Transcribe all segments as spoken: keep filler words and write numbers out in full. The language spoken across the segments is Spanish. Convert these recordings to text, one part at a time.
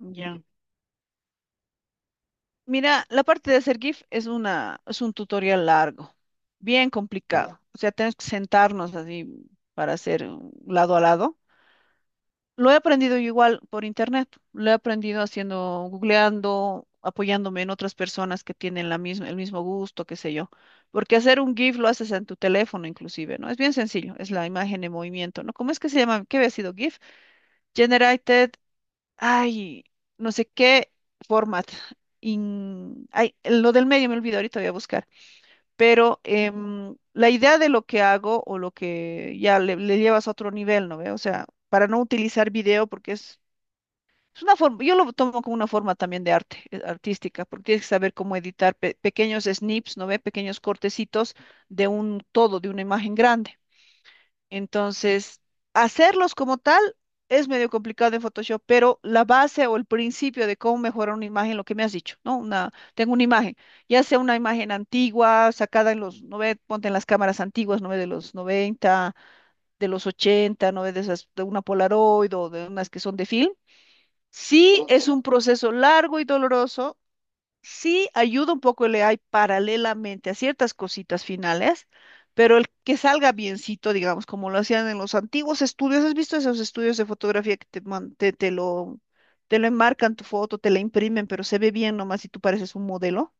Ya. Mira, la parte de hacer GIF es una, es un tutorial largo, bien complicado. O sea, tenemos que sentarnos así para hacer un lado a lado. Lo he aprendido yo igual por internet. Lo he aprendido haciendo, googleando, apoyándome en otras personas que tienen la misma, el mismo gusto, qué sé yo. Porque hacer un GIF lo haces en tu teléfono inclusive, ¿no? Es bien sencillo, es la imagen en movimiento, ¿no? ¿Cómo es que se llama? ¿Qué había sido GIF? Generated, Ay, no sé qué format. In- ay, lo del medio me olvidó, ahorita voy a buscar. Pero em, la idea de lo que hago o lo que ya le, le llevas a otro nivel, ¿no ve? O sea, para no utilizar video porque es, es una forma, yo lo tomo como una forma también de arte, eh, artística, porque tienes que saber cómo editar pe- pequeños snips, ¿no ve? Pequeños cortecitos de un todo, de una imagen grande. Entonces, hacerlos como tal es medio complicado en Photoshop, pero la base o el principio de cómo mejorar una imagen, lo que me has dicho, ¿no? Una, tengo una imagen, ya sea una imagen antigua, sacada en los noventa, ponte en las cámaras antiguas, ¿no ve? De los noventa, de los ochenta, ¿no ve? De esas, de una Polaroid o de unas que son de film. Sí, es un proceso largo y doloroso, sí ayuda un poco el A I paralelamente a ciertas cositas finales, pero el que salga biencito, digamos, como lo hacían en los antiguos estudios, ¿has visto esos estudios de fotografía que te, man- te, te lo, te lo enmarcan tu foto, te la imprimen, pero se ve bien nomás y tú pareces un modelo?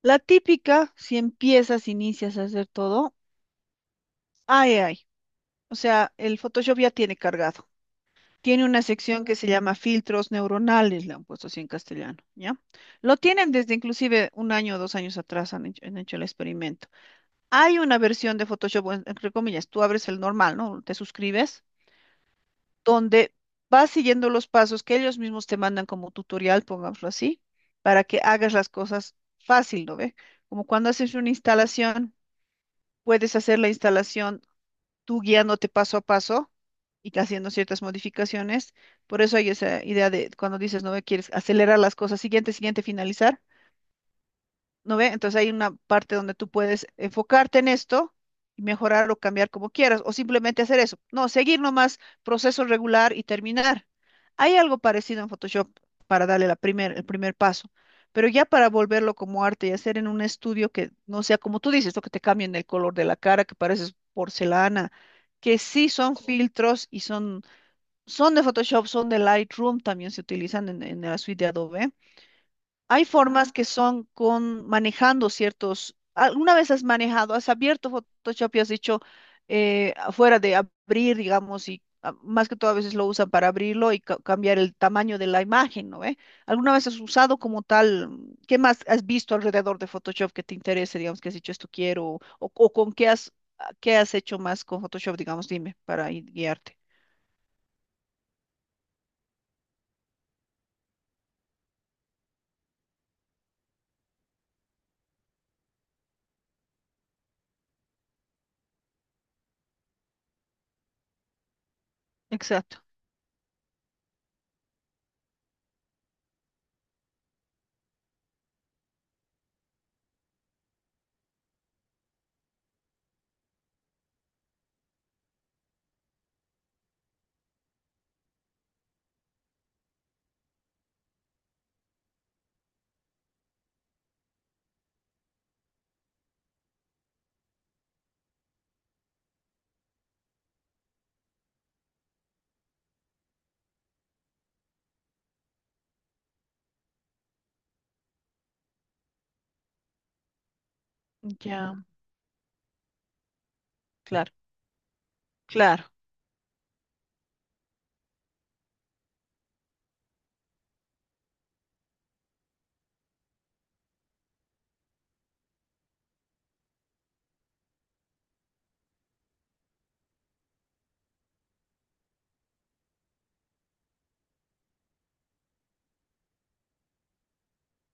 La típica, si empiezas, inicias a hacer todo, ay, ay, o sea, el Photoshop ya tiene cargado. Tiene una sección que se llama filtros neuronales, le han puesto así en castellano, ¿ya? Lo tienen desde inclusive un año o dos años atrás, han hecho, han hecho el experimento. Hay una versión de Photoshop, bueno, entre comillas, tú abres el normal, ¿no? Te suscribes, donde vas siguiendo los pasos que ellos mismos te mandan como tutorial, pongámoslo así, para que hagas las cosas fácil, ¿no ve? Como cuando haces una instalación, puedes hacer la instalación tú guiándote paso a paso y haciendo ciertas modificaciones. Por eso hay esa idea de cuando dices, no me quieres acelerar las cosas, siguiente, siguiente, finalizar. ¿No ve? Entonces hay una parte donde tú puedes enfocarte en esto y mejorar o cambiar como quieras, o simplemente hacer eso. No, seguir nomás proceso regular y terminar. Hay algo parecido en Photoshop para darle la primer, el primer paso, pero ya para volverlo como arte y hacer en un estudio que no sea como tú dices, lo que te cambien el color de la cara, que pareces porcelana, que sí son filtros y son, son de Photoshop, son de Lightroom, también se utilizan en, en la suite de Adobe. Hay formas que son con manejando ciertos. ¿Alguna vez has manejado, has abierto Photoshop y has dicho, eh, afuera de abrir, digamos, y ah, más que todo a veces lo usan para abrirlo y ca- cambiar el tamaño de la imagen, ¿no ve? ¿Alguna vez has usado como tal? mm, ¿Qué más has visto alrededor de Photoshop que te interese, digamos, que has dicho esto quiero? ¿O, o con qué has, ah, qué has hecho más con Photoshop, digamos, dime, para ir- guiarte? Exacto, ya, claro, claro.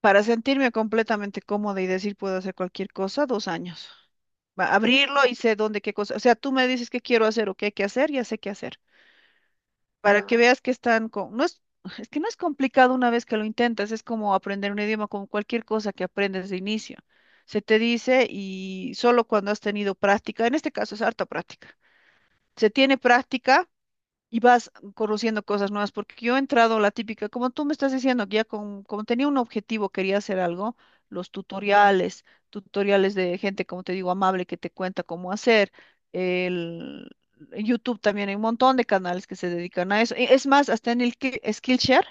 Para sentirme completamente cómoda y decir puedo hacer cualquier cosa, dos años. Va, abrirlo y sé dónde, qué cosa. O sea, tú me dices qué quiero hacer o qué hay que hacer, ya sé qué hacer. Para que veas que están con... No es, es que no es complicado una vez que lo intentas, es como aprender un idioma con cualquier cosa que aprendes de inicio. Se te dice y solo cuando has tenido práctica, en este caso es harta práctica. Se tiene práctica y vas conociendo cosas nuevas, porque yo he entrado la típica, como tú me estás diciendo, que ya con, como tenía un objetivo, quería hacer algo, los tutoriales, tutoriales de gente, como te digo, amable que te cuenta cómo hacer, el, en YouTube también hay un montón de canales que se dedican a eso, e- es más, hasta en el Ki- Skillshare,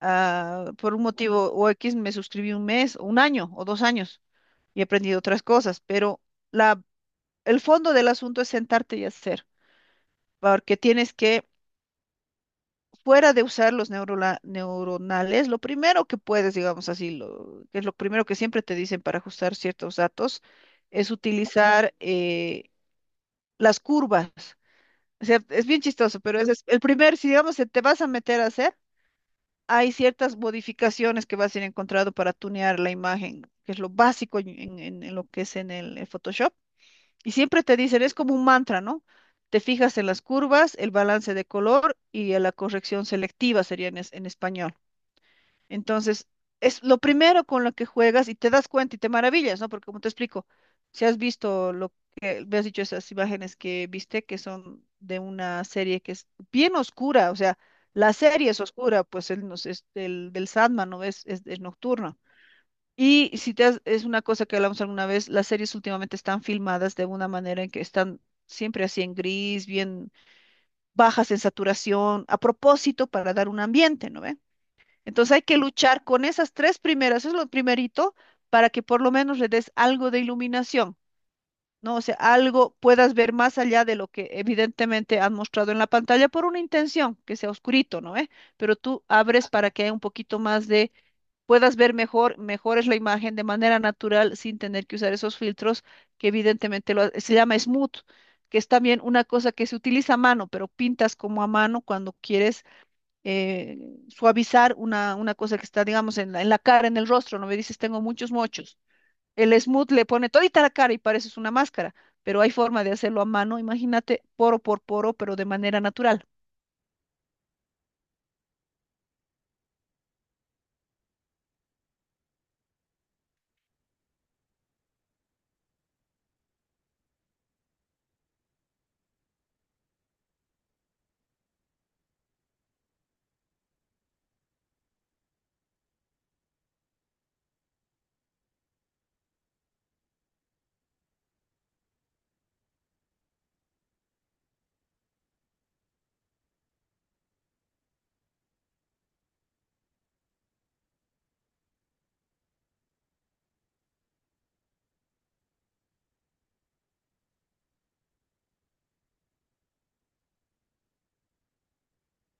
ah, por un motivo o X me suscribí un mes, un año o dos años y he aprendido otras cosas, pero la, el fondo del asunto es sentarte y hacer, porque tienes que fuera de usar los neurona- neuronales, lo primero que puedes, digamos así, lo, que es lo primero que siempre te dicen para ajustar ciertos datos, es utilizar eh, las curvas. O sea, es bien chistoso, pero ese es el primer, si digamos se te vas a meter a hacer, hay ciertas modificaciones que vas a ir encontrando para tunear la imagen, que es lo básico en, en- en- en lo que es en el el Photoshop. Y siempre te dicen, es como un mantra, ¿no? Te fijas en las curvas, el balance de color y en la corrección selectiva sería en, es- en español. Entonces, es lo primero con lo que juegas y te das cuenta y te maravillas, ¿no? Porque como te explico, si has visto lo que, me has dicho esas imágenes que viste, que son de una serie que es bien oscura, o sea, la serie es oscura, pues el, nos- es del, del Sandman, ¿no? Es, es, es nocturna. Y si te has- es una cosa que hablamos alguna vez, las series últimamente están filmadas de una manera en que están siempre así en gris, bien bajas en saturación, a propósito para dar un ambiente, ¿no ve? Entonces hay que luchar con esas tres primeras, eso es lo primerito, para que por lo menos le des algo de iluminación, ¿no? O sea, algo puedas ver más allá de lo que evidentemente han mostrado en la pantalla por una intención, que sea oscurito, ¿no? ¿Eh? Pero tú abres para que haya un poquito más de, puedas ver mejor, mejores la imagen de manera natural sin tener que usar esos filtros que evidentemente lo, ha- se llama smooth, que es también una cosa que se utiliza a mano, pero pintas como a mano cuando quieres eh, suavizar una, una cosa que está, digamos, en la, en la cara, en el rostro, no me dices, tengo muchos mochos. El smooth le pone todita la cara y pareces una máscara, pero hay forma de hacerlo a mano, imagínate, poro por poro, pero de manera natural.